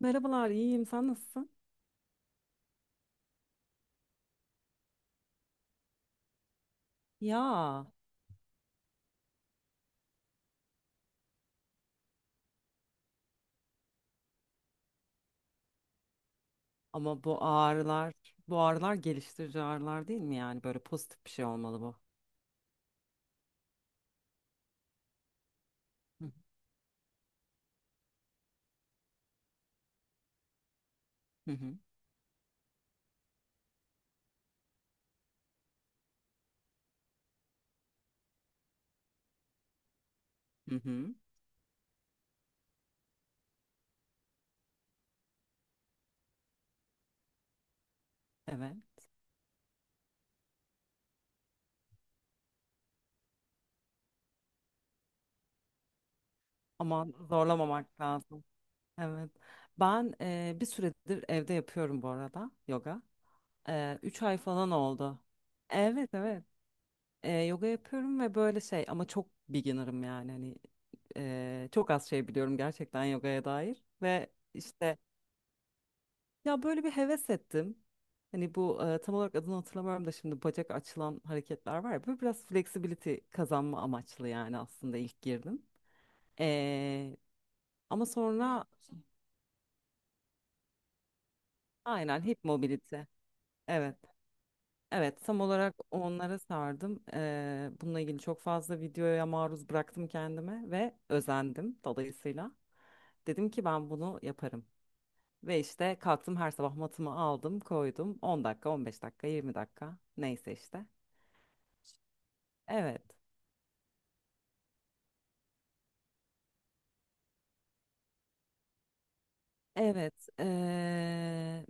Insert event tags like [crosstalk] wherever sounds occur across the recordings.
Merhabalar, iyiyim. Sen nasılsın? Ya ama bu ağrılar, bu ağrılar geliştirici ağrılar değil mi yani? Böyle pozitif bir şey olmalı bu. Hı hı hı. Hı hı. Hı. Evet. Ama zorlamamak lazım. Evet. Ben bir süredir evde yapıyorum bu arada yoga. Üç ay falan oldu. Evet, evet. Yoga yapıyorum ve böyle şey ama çok beginner'ım yani hani çok az şey biliyorum gerçekten yogaya dair ve işte. Ya böyle bir heves ettim. Hani bu tam olarak adını hatırlamıyorum da şimdi bacak açılan hareketler var ya. Böyle biraz flexibility kazanma amaçlı yani aslında ilk girdim. Ee, ama sonra aynen hip mobility. Evet, evet tam olarak onlara sardım. Bununla ilgili çok fazla videoya maruz bıraktım kendime ve özendim dolayısıyla. Dedim ki ben bunu yaparım. Ve işte kalktım her sabah matımı aldım, koydum. 10 dakika, 15 dakika, 20 dakika neyse işte. Evet. Evet,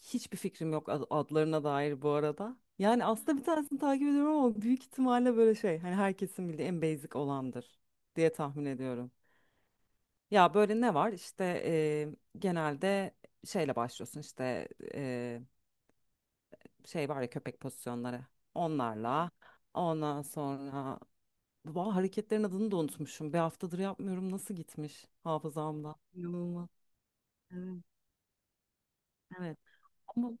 hiçbir fikrim yok adlarına dair bu arada. Yani aslında bir tanesini takip ediyorum ama büyük ihtimalle böyle şey hani herkesin bildiği en basic olandır diye tahmin ediyorum. Ya böyle ne var İşte genelde şeyle başlıyorsun işte, eee, şey var ya, köpek pozisyonları, onlarla, ondan sonra. Vah, hareketlerin adını da unutmuşum. Bir haftadır yapmıyorum, nasıl gitmiş hafızamda. İnanılmaz. Evet, evet. Ama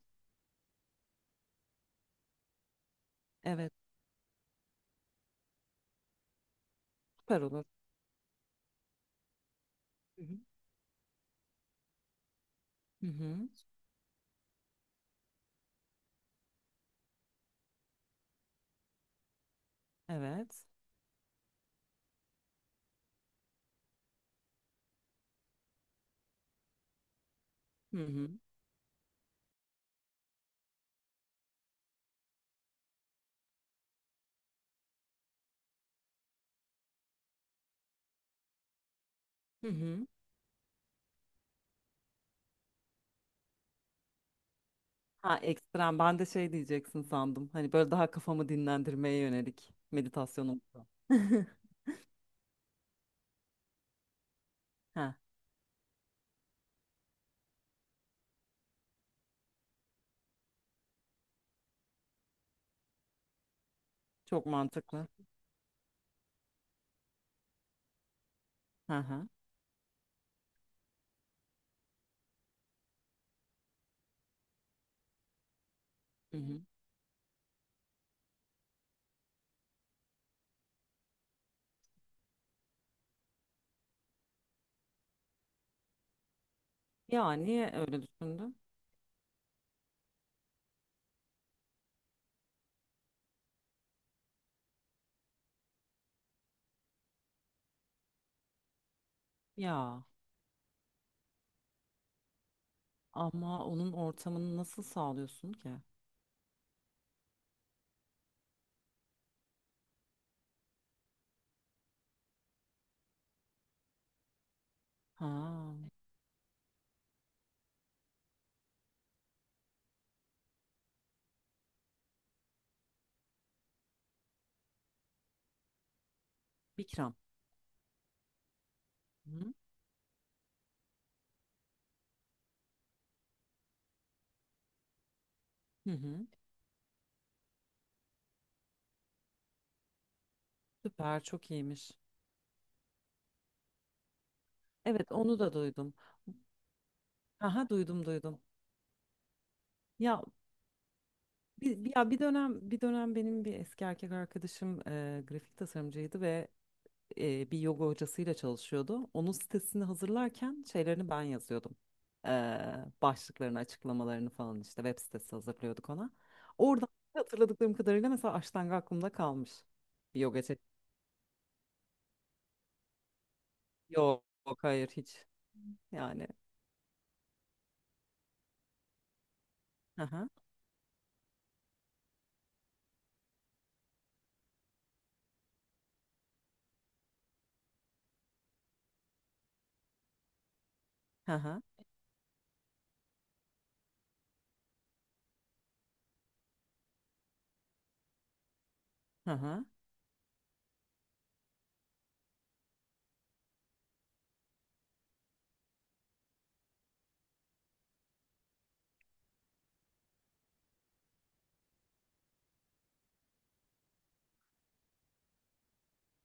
evet, süper olur. Hı hı. Evet. Hı hı. Hı hı. Ha, ekstrem. Ben de şey diyeceksin sandım. Hani böyle daha kafamı dinlendirmeye yönelik meditasyonum. [laughs] Ha, çok mantıklı. Hı hı. Hı hı. Ya niye öyle düşündün? Ya ama onun ortamını nasıl sağlıyorsun ki? Ha, Bikram. Hı hı. Hı hı. Süper, çok iyiymiş. Evet, onu da duydum. Aha, duydum, duydum. Ya, ya bir dönem benim bir eski erkek arkadaşım grafik tasarımcıydı ve bir yoga hocasıyla çalışıyordu. Onun sitesini hazırlarken şeylerini ben yazıyordum. E, başlıklarını, açıklamalarını falan işte web sitesi hazırlıyorduk ona. Oradan hatırladıklarım kadarıyla mesela Ashtanga aklımda kalmış. Bir yoga çek. Yok, hayır hiç. Yani. Hı hı. Hı hı. Hı hı.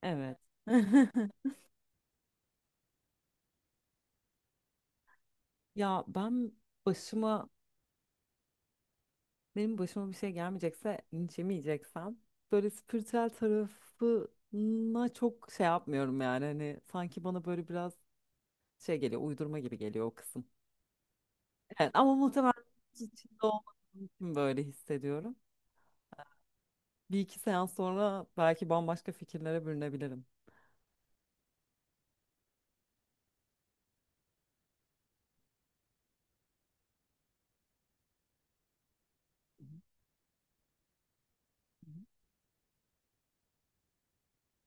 Evet. [laughs] Ya ben başıma benim başıma bir şey gelmeyecekse, linç yemeyeceksem böyle spiritüel tarafına çok şey yapmıyorum yani. Hani sanki bana böyle biraz şey geliyor, uydurma gibi geliyor o kısım. Evet, ama muhtemelen içinde olmadığım için böyle hissediyorum. Bir iki seans sonra belki bambaşka fikirlere bürünebilirim. Hı hı.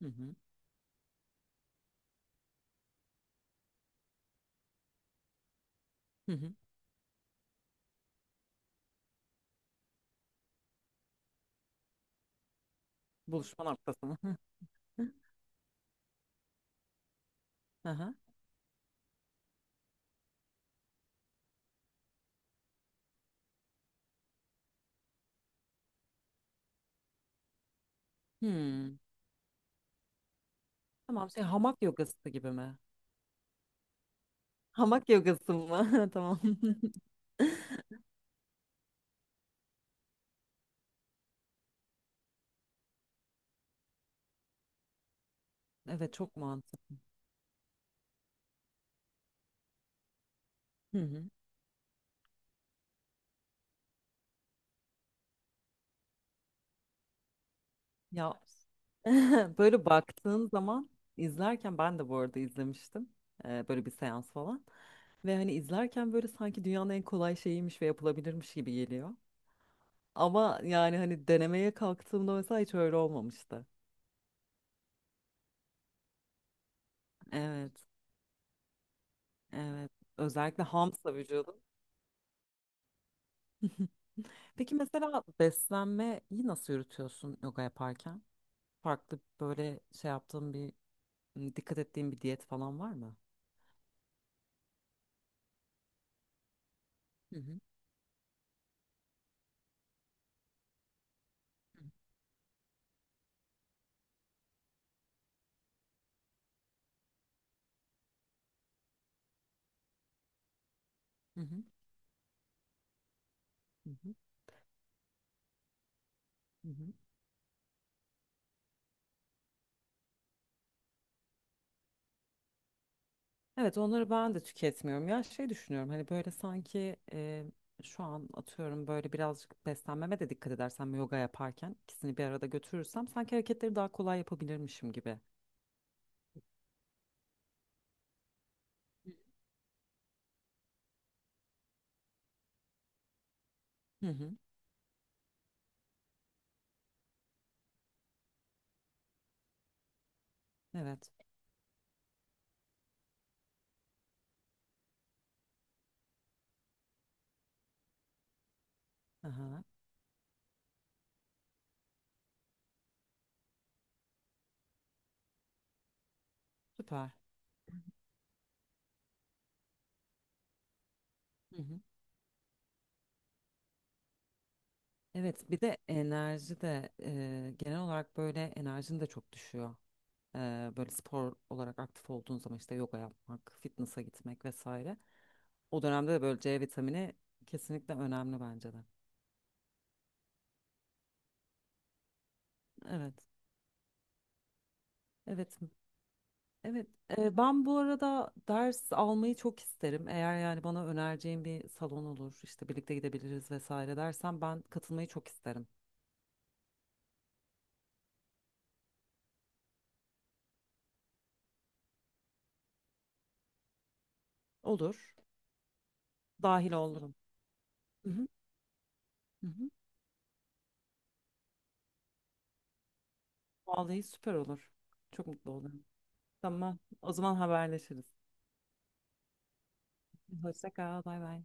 Hı hı. Hı hı. Buluşma noktası mı? [laughs] Aha. Hmm. Tamam, şey, hamak yogası gibi mi? Hamak yogası mı? [laughs] Tamam. [laughs] Evet, çok mantıklı. Ya [laughs] böyle baktığın zaman izlerken ben de bu arada izlemiştim. Böyle bir seans falan. Ve hani izlerken böyle sanki dünyanın en kolay şeyiymiş ve yapılabilirmiş gibi geliyor. Ama yani hani denemeye kalktığımda mesela hiç öyle olmamıştı. Evet, evet. Özellikle hamsa vücudum. [laughs] Peki mesela beslenmeyi nasıl yürütüyorsun yoga yaparken? Farklı böyle şey yaptığın dikkat ettiğin bir diyet falan var mı? Hı hı. Hı hı. Hı hı. Hı hı. Evet, onları ben de tüketmiyorum. Ya şey düşünüyorum hani böyle sanki şu an atıyorum böyle birazcık beslenmeme de dikkat edersem yoga yaparken ikisini bir arada götürürsem sanki hareketleri daha kolay yapabilirmişim gibi. Hı hı. Evet. Aha, süper. Hı hı. Evet bir de enerji de genel olarak böyle enerjin de çok düşüyor. E, böyle spor olarak aktif olduğun zaman işte yoga yapmak, fitness'a gitmek vesaire. O dönemde de böyle C vitamini kesinlikle önemli bence de. Evet. Evet. Evet, ben bu arada ders almayı çok isterim. Eğer yani bana önereceğin bir salon olur, işte birlikte gidebiliriz vesaire dersen ben katılmayı çok isterim. Olur, dahil olurum. Hı hı, hı hı. Vallahi süper olur. Çok mutlu olurum. Tamam, o zaman haberleşiriz. Hoşça kal, bay bay.